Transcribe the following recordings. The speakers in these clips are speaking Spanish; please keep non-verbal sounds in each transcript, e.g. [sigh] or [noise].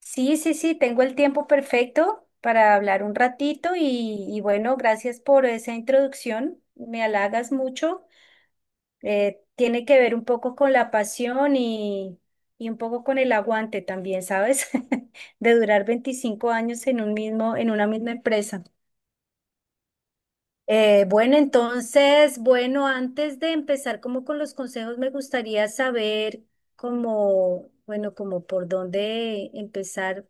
Sí, sí, sí, tengo el tiempo perfecto para hablar un ratito y bueno, gracias por esa introducción, me halagas mucho. Tiene que ver un poco con la pasión y un poco con el aguante también, ¿sabes? [laughs] De durar 25 años en una misma empresa. Bueno, entonces, bueno, antes de empezar como con los consejos, me gustaría saber cómo, bueno, como por dónde empezar,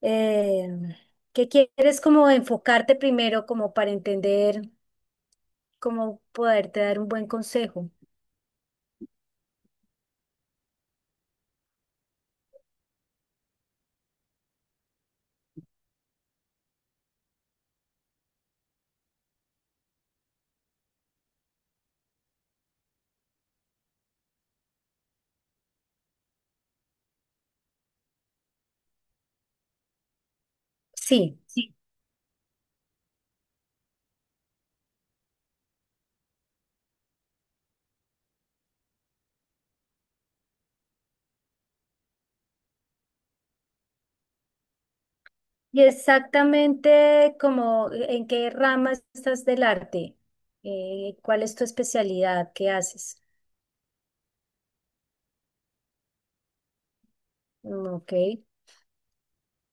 eh, que quieres como enfocarte primero como para entender cómo poderte dar un buen consejo. Sí, sí. Y exactamente, como, ¿en qué rama estás del arte? ¿Cuál es tu especialidad? ¿Qué haces? Mm, Ok.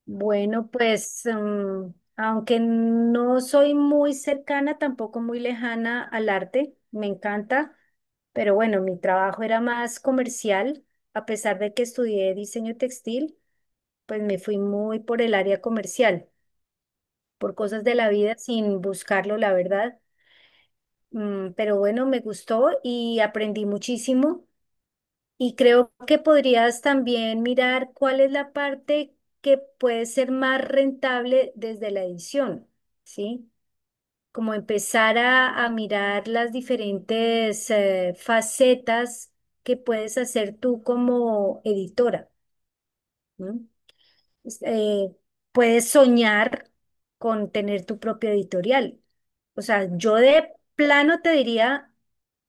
Bueno, pues, aunque no soy muy cercana, tampoco muy lejana al arte, me encanta, pero bueno, mi trabajo era más comercial, a pesar de que estudié diseño textil, pues me fui muy por el área comercial, por cosas de la vida sin buscarlo, la verdad. Pero bueno, me gustó y aprendí muchísimo. Y creo que podrías también mirar cuál es la parte que puede ser más rentable desde la edición, ¿sí? Como empezar a mirar las diferentes facetas que puedes hacer tú como editora, ¿no? Es- eh, Puedes soñar con tener tu propio editorial. O sea, yo de plano te diría.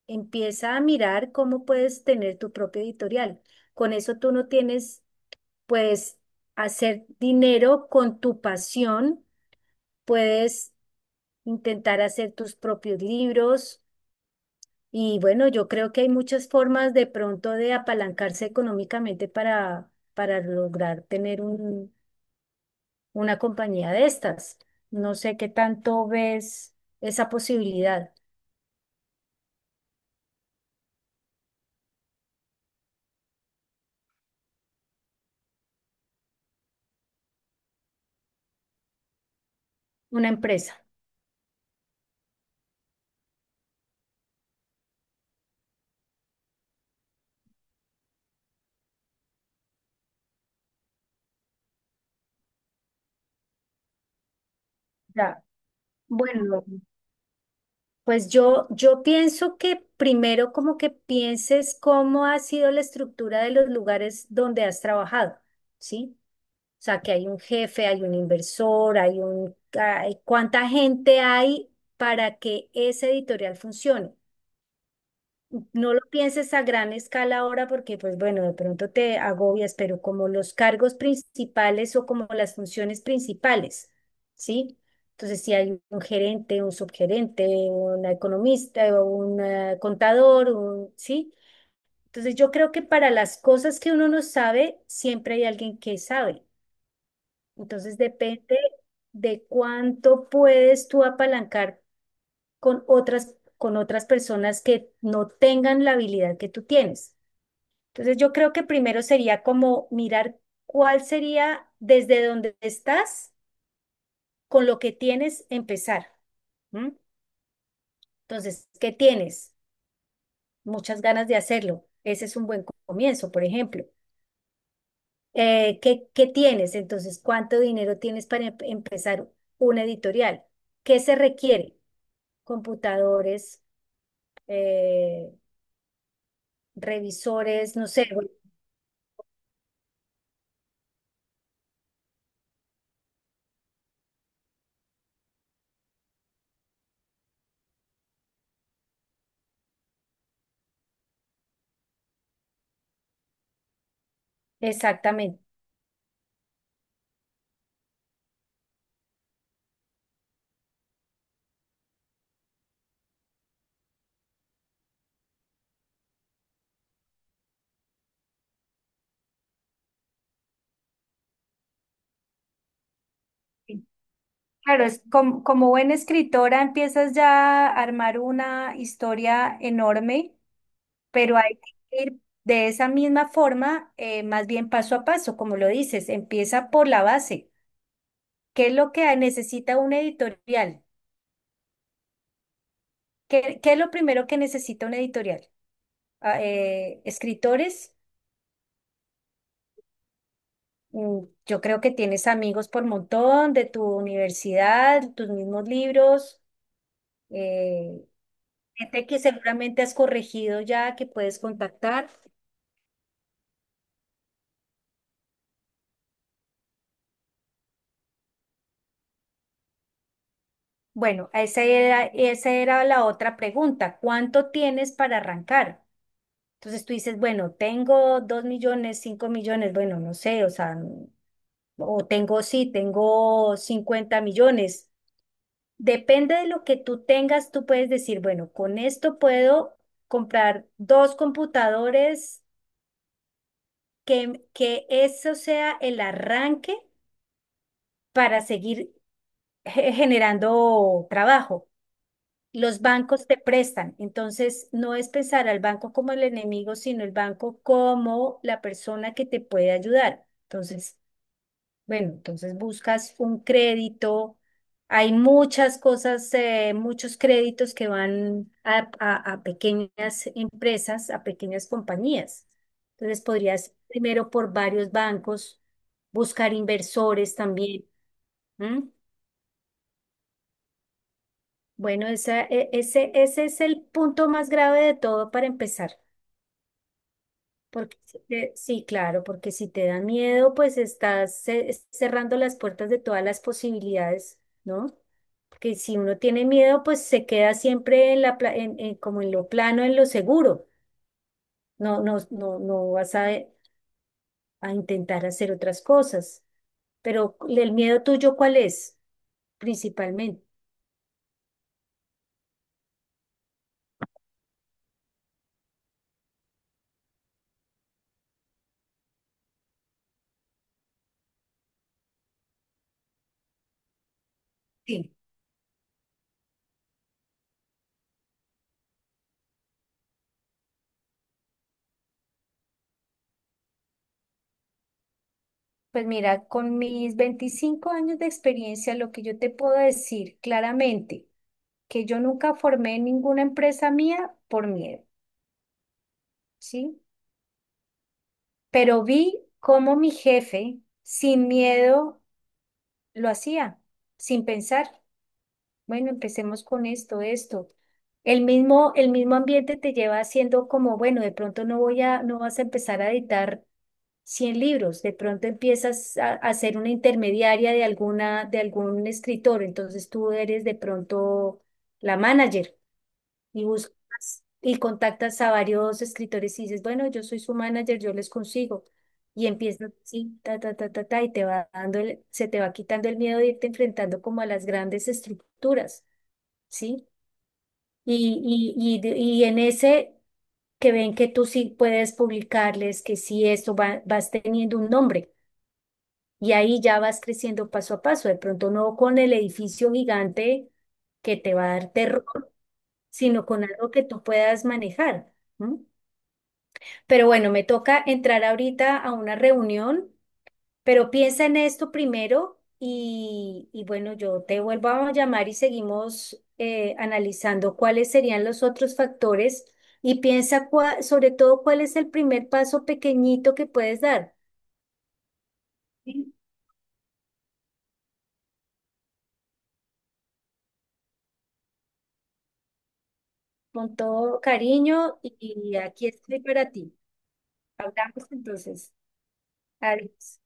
Empieza a mirar cómo puedes tener tu propio editorial. Con eso tú no tienes, puedes hacer dinero con tu pasión, puedes intentar hacer tus propios libros y bueno, yo creo que hay muchas formas de pronto de apalancarse económicamente para, lograr tener una compañía de estas. No sé qué tanto ves esa posibilidad, una empresa. Ya. Bueno. Pues yo pienso que primero como que pienses cómo ha sido la estructura de los lugares donde has trabajado, ¿sí? O sea, que hay un jefe, hay un inversor, ¿cuánta gente hay para que ese editorial funcione? No lo pienses a gran escala ahora porque, pues bueno, de pronto te agobias, pero como los cargos principales o como las funciones principales, ¿sí? Entonces, si hay un gerente, un subgerente, un economista o un contador, ¿sí? Entonces, yo creo que para las cosas que uno no sabe, siempre hay alguien que sabe. Entonces, depende de cuánto puedes tú apalancar con otras personas que no tengan la habilidad que tú tienes. Entonces yo creo que primero sería como mirar cuál sería desde donde estás, con lo que tienes, empezar. ¿M? Entonces, ¿qué tienes? Muchas ganas de hacerlo. Ese es un buen comienzo, por ejemplo. ¿Qué tienes? Entonces, ¿cuánto dinero tienes para empezar una editorial? ¿Qué se requiere? Computadores, eh, revisores, no sé, bueno, exactamente. Claro, es como, como buena escritora empiezas ya a armar una historia enorme, pero hay que ir de esa misma forma, más bien paso a paso, como lo dices, empieza por la base. ¿Qué es lo que necesita un editorial? ¿Qué es lo primero que necesita un editorial? Ah, escritores, mm, yo creo que tienes amigos por montón de tu universidad, tus mismos libros, eh, gente que seguramente has corregido ya, que puedes contactar. Bueno, esa era la otra pregunta. ¿Cuánto tienes para arrancar? Entonces tú dices, bueno, tengo 2 millones, 5 millones, bueno, no sé, o sea, o tengo, sí, tengo 50 millones. Depende de lo que tú tengas, tú puedes decir, bueno, con esto puedo comprar dos computadores, que eso sea el arranque para seguir [laughs] generando trabajo. Los bancos te prestan, entonces no es pensar al banco como el enemigo, sino el banco como la persona que te puede ayudar. Entonces, bueno, entonces buscas un crédito. Hay muchas cosas, muchos créditos que van a pequeñas empresas, a pequeñas compañías. Entonces podrías primero por varios bancos, buscar inversores también. ¿M? Bueno, ese es el punto más grave de todo para empezar. Porque si te- sí, claro, porque si te da miedo, pues estás cerrando las puertas de todas las posibilidades, ¿no? Porque si uno tiene miedo, pues se queda siempre en la pla- en- como en lo plano, en lo seguro. No, no, no, no vas a intentar hacer otras cosas. Pero el miedo tuyo, ¿cuál es? Principalmente. Sí, pues mira, con mis 25 años de experiencia, lo que yo te puedo decir claramente, que yo nunca formé ninguna empresa mía por miedo, ¿sí? Pero vi cómo mi jefe sin miedo lo hacía, sin pensar. Bueno, empecemos con esto, esto. El mismo ambiente te lleva haciendo como, bueno, de pronto no vas a empezar a editar 100 libros, de pronto empiezas a ser una intermediaria de algún escritor, entonces tú eres de pronto la manager y buscas y contactas a varios escritores y dices, bueno, yo soy su manager, yo les consigo. Y empiezas así, ta, ta, ta, ta, ta, y te va dando se te va quitando el miedo de irte enfrentando como a las grandes estructuras, ¿sí? Y en ese que ven que tú sí puedes publicarles, que sí esto vas teniendo un nombre. Y ahí ya vas creciendo paso a paso, de pronto no con el edificio gigante que te va a dar terror, sino con algo que tú puedas manejar. ¿M? Pero bueno, me toca entrar ahorita a una reunión, pero piensa en esto primero y bueno, yo te vuelvo a llamar y seguimos analizando cuáles serían los otros factores y piensa sobre todo cuál es el primer paso pequeñito que puedes dar. ¿Sí? Con todo cariño y aquí estoy para ti. Hablamos entonces. Adiós.